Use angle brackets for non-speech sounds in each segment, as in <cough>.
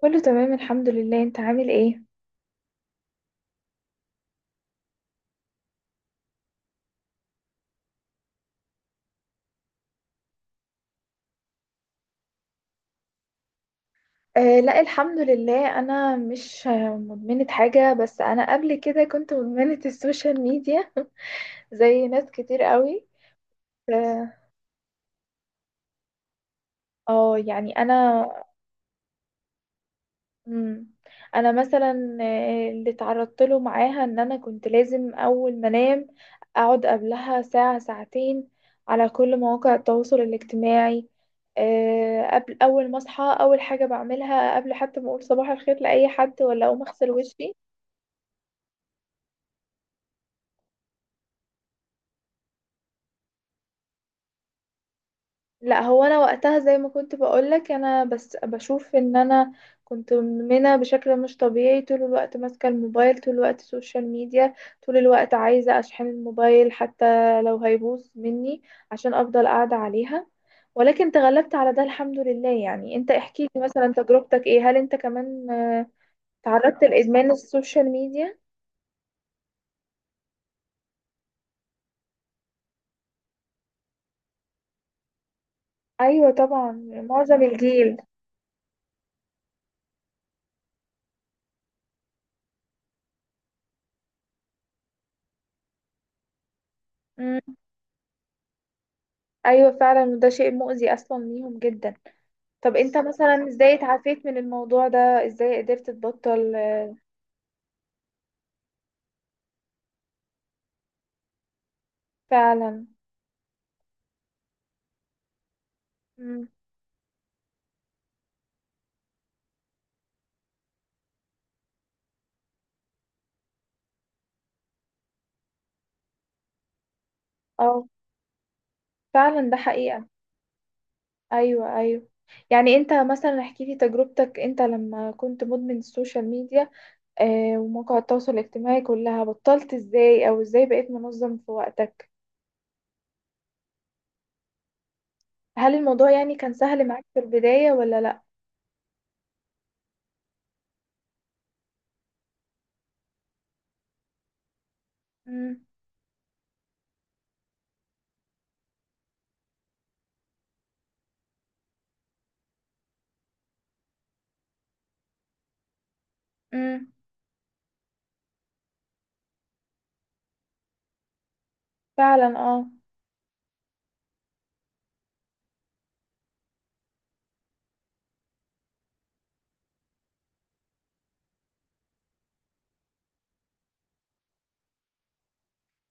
كله تمام الحمد لله، انت عامل ايه؟ آه لا، الحمد لله انا مش مدمنة حاجة، بس انا قبل كده كنت مدمنة السوشيال ميديا <laughs> زي ناس كتير قوي. اه، يعني انا. مم. انا مثلا اللي تعرضت له معاها ان انا كنت لازم اول ما انام اقعد قبلها ساعة ساعتين على كل مواقع التواصل الاجتماعي. قبل اول ما اصحى اول حاجه بعملها قبل حتى ما اقول صباح الخير لاي حد، ولا اقوم اغسل وشي. لا هو انا وقتها زي ما كنت بقولك، انا بس بشوف ان انا كنت مدمنه بشكل مش طبيعي. طول الوقت ماسكه الموبايل، طول الوقت سوشيال ميديا، طول الوقت عايزه اشحن الموبايل حتى لو هيبوظ مني عشان افضل قاعده عليها. ولكن تغلبت على ده الحمد لله. يعني انت احكي لي مثلا تجربتك ايه، هل انت كمان تعرضت لادمان السوشيال ميديا؟ ايوه طبعا، معظم الجيل. مم. ايوه فعلا، وده شيء مؤذي اصلا ليهم جدا. طب انت مثلا ازاي اتعافيت من الموضوع ده؟ ازاي قدرت تبطل؟ فعلا. مم. اه فعلا، ده حقيقة. ايوه ايوه، يعني انت مثلا احكي لي تجربتك، انت لما كنت مدمن السوشيال ميديا ومواقع التواصل الاجتماعي كلها، بطلت ازاي، او ازاي بقيت منظم في وقتك؟ هل الموضوع يعني كان سهل معاك في البداية ولا لا؟ مم. مم. فعلا اه.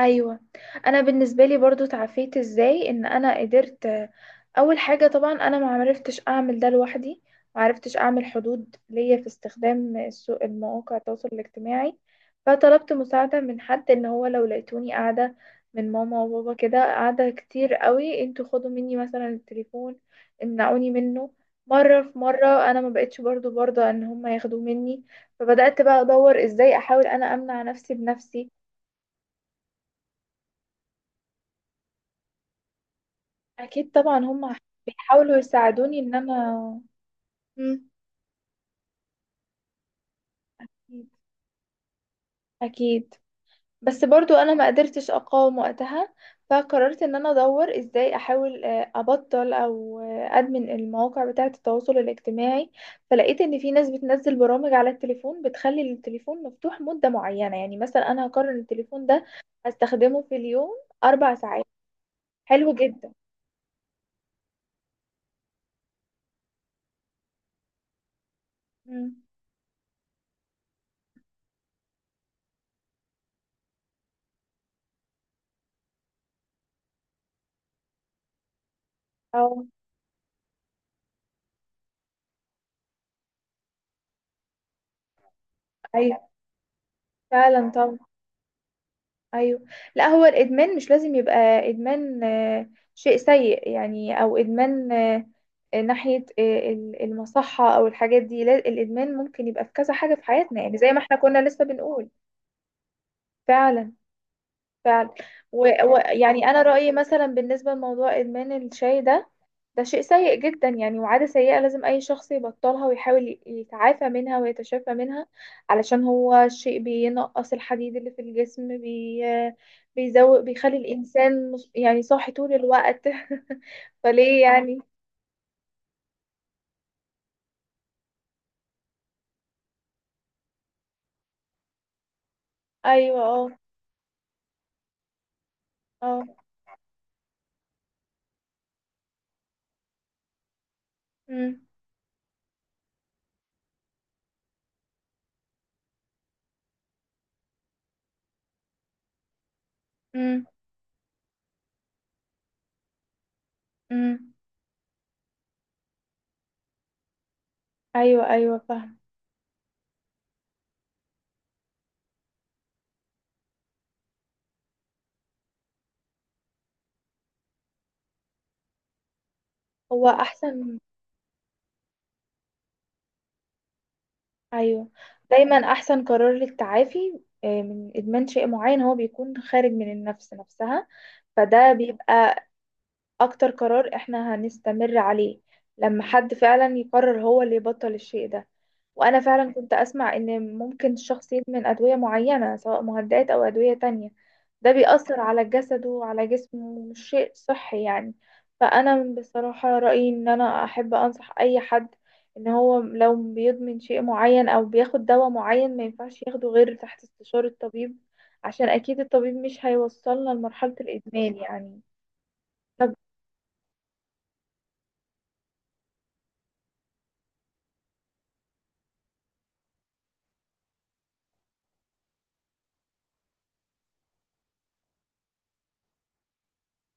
ايوه، انا بالنسبه لي برضو تعافيت ازاي ان انا قدرت اول حاجه طبعا، انا ما عرفتش اعمل ده لوحدي. ما عرفتش اعمل حدود ليا في استخدام السوق المواقع التواصل الاجتماعي. فطلبت مساعده من حد ان هو لو لقيتوني قاعده، من ماما وبابا، كده قاعده كتير قوي، انتوا خدوا مني مثلا التليفون، امنعوني منه. مره في مره انا ما بقتش برضو برضه ان هم ياخدوه مني. فبدات بقى ادور ازاي احاول انا امنع نفسي بنفسي. اكيد طبعا هم بيحاولوا يساعدوني ان انا. مم. اكيد. بس برضو انا ما قدرتش اقاوم وقتها. فقررت ان انا ادور ازاي احاول ابطل او ادمن المواقع بتاعة التواصل الاجتماعي. فلقيت ان في ناس بتنزل برامج على التليفون بتخلي التليفون مفتوح مدة معينة. يعني مثلا انا هقرر إن التليفون ده هستخدمه في اليوم 4 ساعات. حلو جدا. مم. اه. ايوه فعلا طبعا. ايوه، لا هو الادمان مش لازم يبقى ادمان شيء سيء يعني، او ادمان ناحيه المصحه او الحاجات دي. لا الادمان ممكن يبقى في كذا حاجه في حياتنا يعني زي ما احنا كنا لسه بنقول. فعلا. فعلا. ويعني انا رايي مثلا بالنسبه لموضوع ادمان الشاي ده، ده شيء سيء جدا يعني، وعادة سيئة لازم أي شخص يبطلها ويحاول يتعافى منها ويتشافى منها. علشان هو شيء بينقص الحديد اللي في الجسم، بيزوق، بيخلي الإنسان يعني صاحي طول الوقت <laughs> فليه يعني؟ أيوة اه. اه. أمم، أمم، أمم. أيوة أيوة فاهمة. هو أحسن. أيوة. دايما أحسن قرار للتعافي من إدمان شيء معين هو بيكون خارج من النفس نفسها. فده بيبقى اكتر قرار احنا هنستمر عليه، لما حد فعلا يقرر هو اللي يبطل الشيء ده. وانا فعلا كنت اسمع ان ممكن الشخص يدمن ادوية معينة، سواء مهدئات او ادوية تانية. ده بيأثر على جسده وعلى جسمه، ومش شيء صحي يعني. فانا بصراحة رأيي ان انا احب انصح اي حد ان هو لو بيدمن شيء معين او بياخد دواء معين، ما ينفعش ياخده غير تحت استشارة الطبيب، عشان اكيد الطبيب مش هيوصلنا لمرحلة الادمان يعني. طب.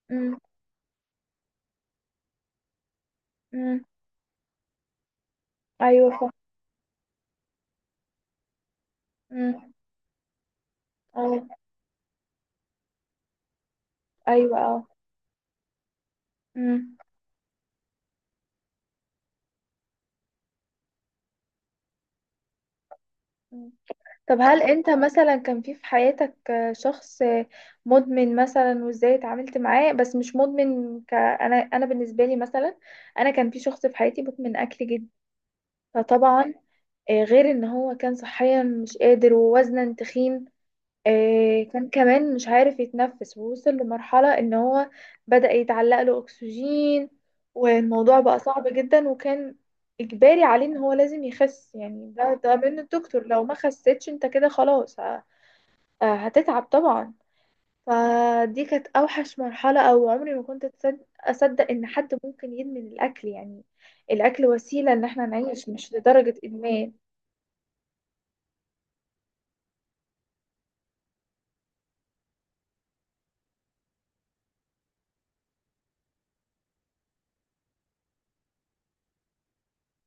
مم. امم. ايوه امم. اه. ايوه. اه. امم. أمم. طب هل انت مثلا كان في في حياتك شخص مدمن مثلا، وازاي اتعاملت معاه؟ بس مش مدمن انا بالنسبه لي مثلا، انا كان في شخص في حياتي مدمن اكل جدا. فطبعا غير ان هو كان صحيا مش قادر، ووزنا تخين، كان كمان مش عارف يتنفس، ووصل لمرحلة ان هو بدأ يتعلق له اكسجين. والموضوع بقى صعب جدا، وكان اجباري عليه ان هو لازم يخس يعني. ده من الدكتور، لو ما خسيتش انت كده خلاص هتتعب طبعا. فدي كانت اوحش مرحلة، او عمري ما كنت اصدق ان حد ممكن يدمن الاكل يعني. الاكل وسيلة ان احنا نعيش، مش لدرجة ادمان.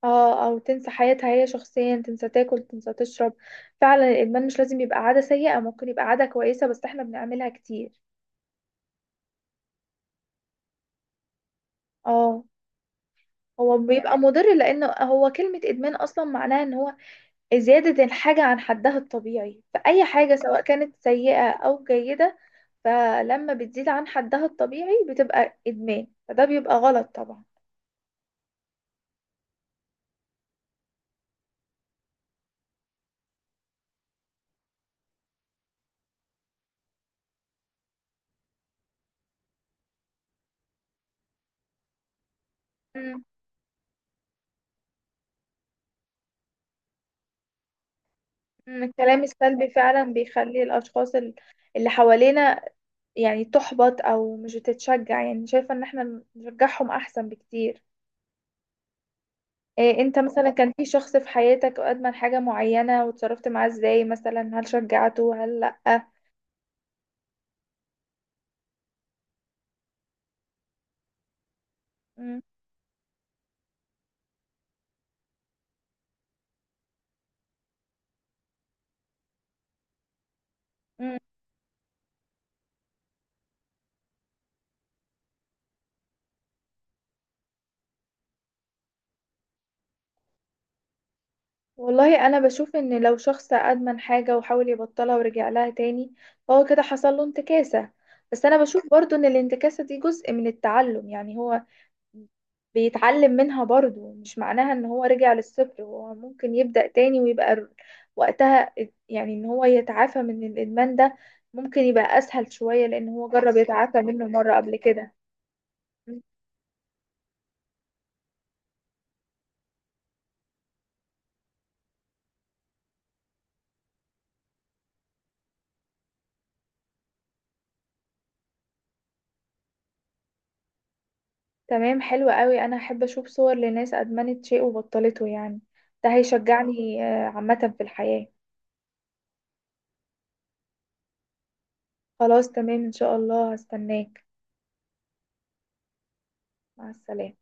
اه، او تنسى حياتها هي شخصيا، تنسى تاكل تنسى تشرب. فعلا الادمان مش لازم يبقى عاده سيئه، ممكن يبقى عاده كويسه بس احنا بنعملها كتير. اه، هو بيبقى مضر لان هو كلمه ادمان اصلا معناها ان هو زياده الحاجه عن حدها الطبيعي، فاي حاجه سواء كانت سيئه او جيده، فلما بتزيد عن حدها الطبيعي بتبقى ادمان، فده بيبقى غلط طبعا. مم. الكلام السلبي فعلا بيخلي الاشخاص اللي حوالينا يعني تحبط او مش بتتشجع. يعني شايفة ان احنا نشجعهم احسن بكتير. إيه، انت مثلا كان في شخص في حياتك ادمن حاجة معينة وتصرفت معاه ازاي مثلا؟ هل شجعته هل لأ؟ مم. مم. والله انا بشوف ان لو شخص ادمن حاجة وحاول يبطلها ورجع لها تاني، فهو كده حصل له انتكاسة. بس انا بشوف برضو ان الانتكاسة دي جزء من التعلم، يعني هو بيتعلم منها برضو. مش معناها ان هو رجع للصفر، هو ممكن يبدأ تاني ويبقى وقتها، يعني ان هو يتعافى من الادمان ده ممكن يبقى اسهل شوية، لان هو جرب يتعافى منه مرة قبل كده. م. تمام، حلو قوي. انا احب اشوف صور لناس ادمنت شيء وبطلته يعني، ده هيشجعني عامة في الحياة. خلاص تمام ان شاء الله هستناك. مع السلامة.